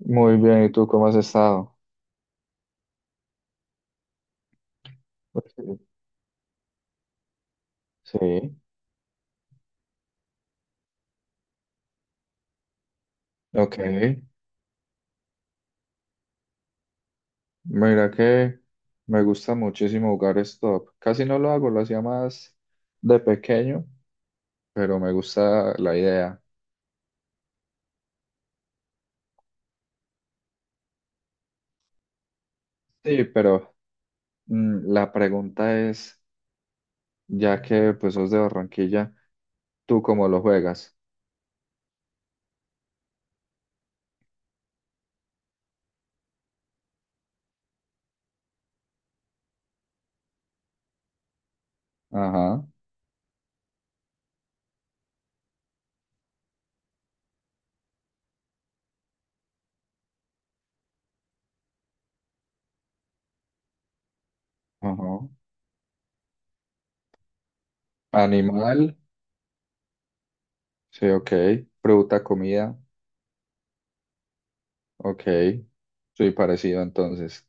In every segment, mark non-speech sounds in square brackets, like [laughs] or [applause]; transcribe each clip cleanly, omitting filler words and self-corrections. Muy bien, ¿y tú cómo has estado? Pues, sí, sí, ok. Mira que me gusta muchísimo jugar stop. Casi no lo hago, lo hacía más de pequeño, pero me gusta la idea. Sí, pero la pregunta es, ya que pues sos de Barranquilla, ¿tú cómo lo juegas? Ajá, ajá. Animal, sí, ok. Fruta, comida, ok. Soy parecido entonces.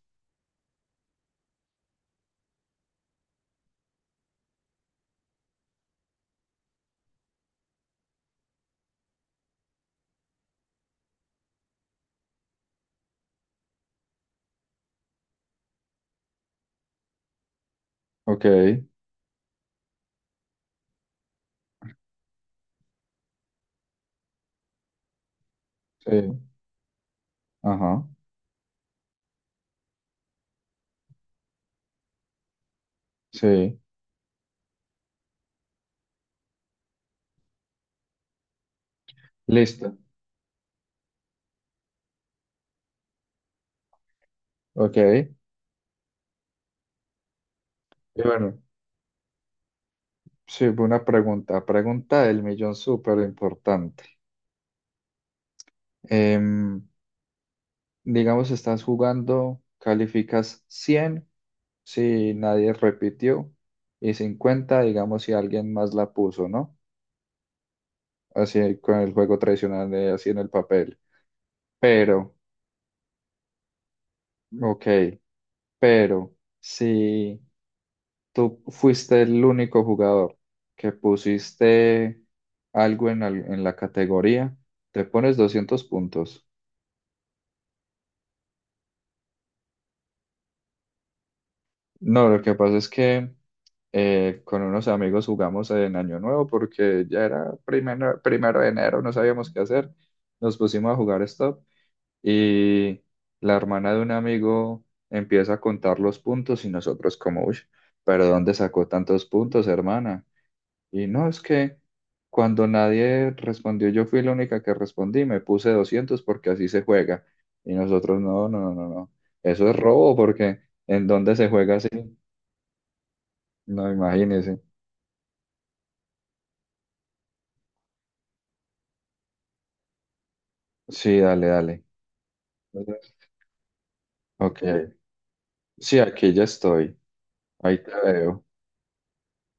Ok, sí, ajá, sí. Listo. Ok. Y bueno, sí, una pregunta. Pregunta del millón súper importante. Em, digamos, estás jugando, calificas 100 si nadie repitió y 50, digamos, si alguien más la puso, ¿no? Así con el juego tradicional de así en el papel. Pero, ok, pero si tú fuiste el único jugador que pusiste algo en la categoría, te pones 200 puntos. No, lo que pasa es que con unos amigos jugamos en Año Nuevo porque ya era primero de enero, no sabíamos qué hacer. Nos pusimos a jugar Stop y la hermana de un amigo empieza a contar los puntos y nosotros como, uy, pero ¿dónde sacó tantos puntos, hermana? Y no, es que cuando nadie respondió, yo fui la única que respondí, me puse 200 porque así se juega. Y nosotros, no, no, no, no, no. Eso es robo porque ¿en dónde se juega así? No, imagínese. Sí, dale, dale. Entonces, ok. Sí, aquí ya estoy. Ahí te veo.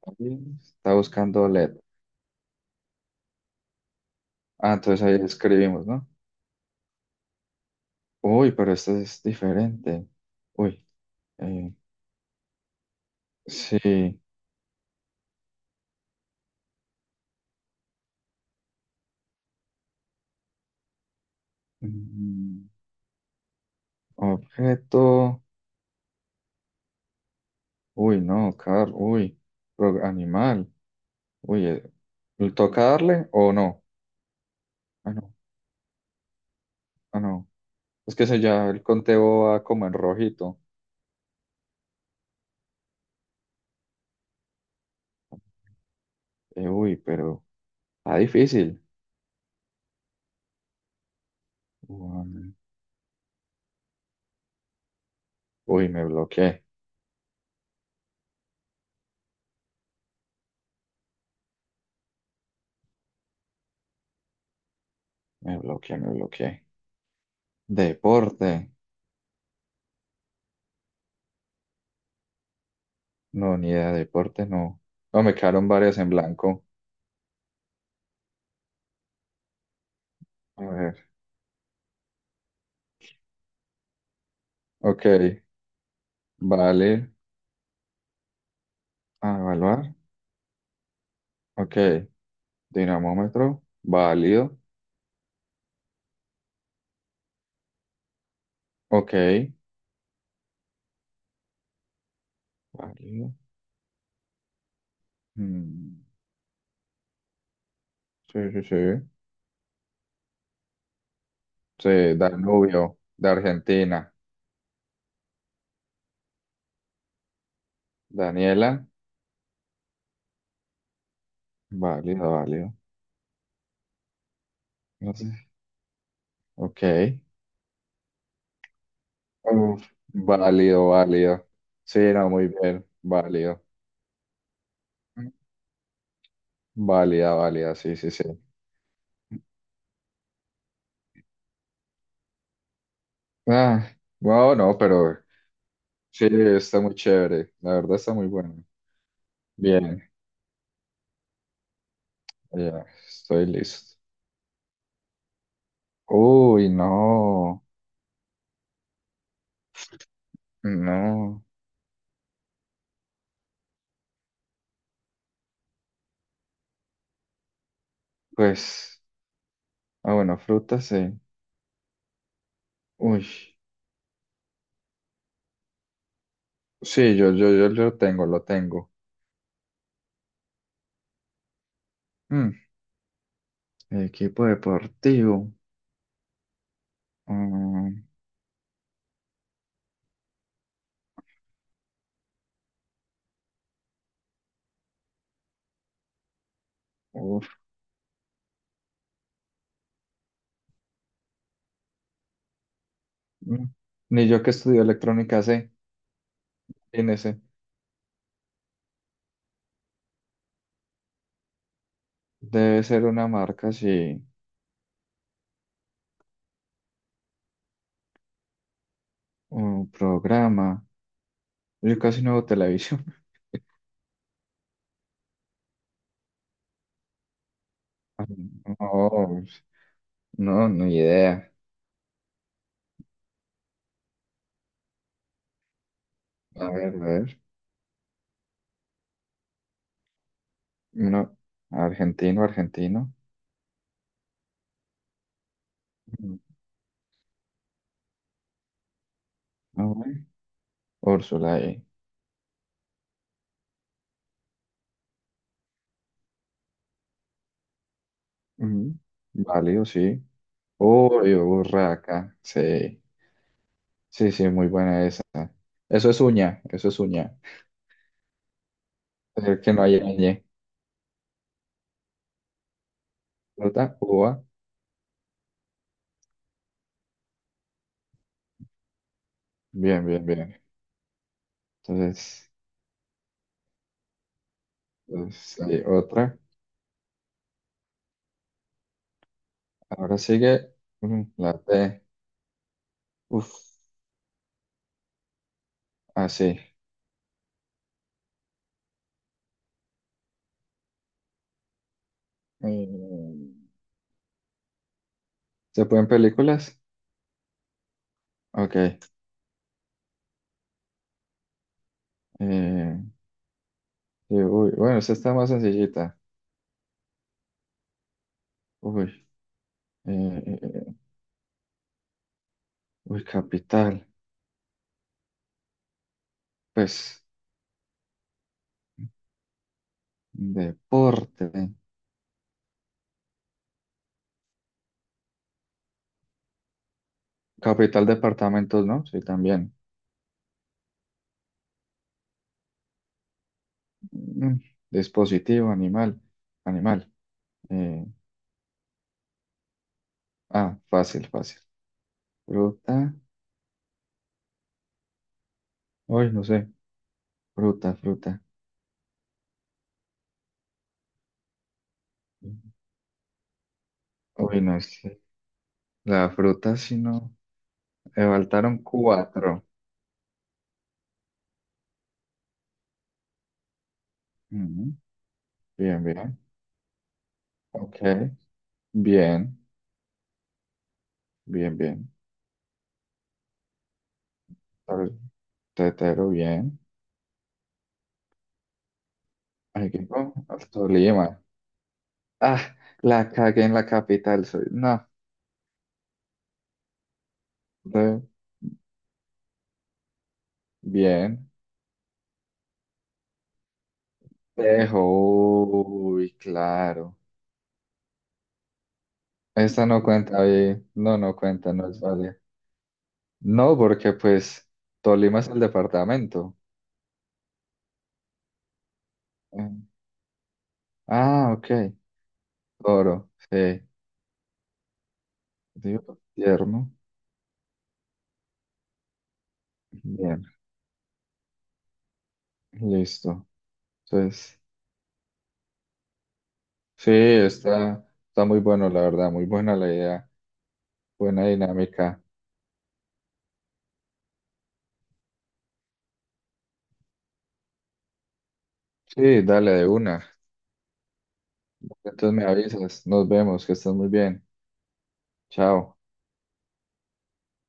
Ahí está buscando LED. Ah, entonces ahí escribimos, ¿no? Uy, pero esto es diferente. Uy, eh, sí. Mm, Objeto. Uy, no, Carl, uy, pero animal, uy, ¿toca darle o no? Ah, no, ah, no. Es que se ya el conteo va como en rojito. Uy, pero está difícil. Uy, uy, me bloqueé, me bloqueé, me bloqueé. Deporte, no, ni idea de deporte, no. No, me quedaron varias en blanco. A ver, ok, vale, a evaluar, ok, dinamómetro, válido, ok, válido. Mm. Sí, sí, sí. Sí, Danubio, de Argentina. Daniela, válido, válido. No sé. Ok. Uf, válido, válido. Sí, no, muy bien, válido. Válida, válida, sí, sí, sí. Ah, wow, no, pero sí, está muy chévere. La verdad está muy bueno. Bien, ya, estoy listo. Uy, no, no. Pues, ah, bueno, fruta, sí. Uy, sí, yo lo tengo, lo tengo. Mm, Equipo deportivo. Mm, uf, mm. Ni yo que estudio electrónica sé. En ese debe ser una marca, sí. Un programa. Yo casi no veo televisión. [laughs] Ah, no, pues, no, ni idea. A ver, a ver. No. Argentino, argentino. Mm, a ver. Úrsula ahí. Mm, Válido, sí. Uy, burraca. Sí. Sí, sí, muy buena esa. Eso es uña, eso es uña. Que no haya ñ. Fruta, uva. Bien, bien, bien. Entonces, pues, hay otra. Ahora sigue la T. Uf, así. Mm, ¿Se pueden películas? Ok. Eh, y, uy, bueno, esta está más sencillita. Uy, eh, eh, eh, uy, capital. Pues, deporte. Capital, departamentos, ¿no? Sí, también. Mm, Dispositivo, animal. Animal. Eh, ah, fácil, fácil. Fruta. Uy, no sé, fruta, fruta. Uy, no sé. La fruta, si no. Me faltaron cuatro. Ujú, bien, bien. Ok. Bien, bien, bien. Tor- Tetero, bien. Equipo, Tolima. Ah, la cagué en la capital. Soy. No. de- Bien. Tejo. Uy, claro. Esta no cuenta bien. No, no cuenta, no es válida. No, porque pues Tolima es el departamento. Eh, Ah, ok. Oro, sí. Digo, tierno. Bien, listo. Entonces, sí, está, está muy bueno, la verdad, muy buena la idea, buena dinámica. Sí, dale de una. Entonces me avisas, nos vemos, que estés muy bien. Chao.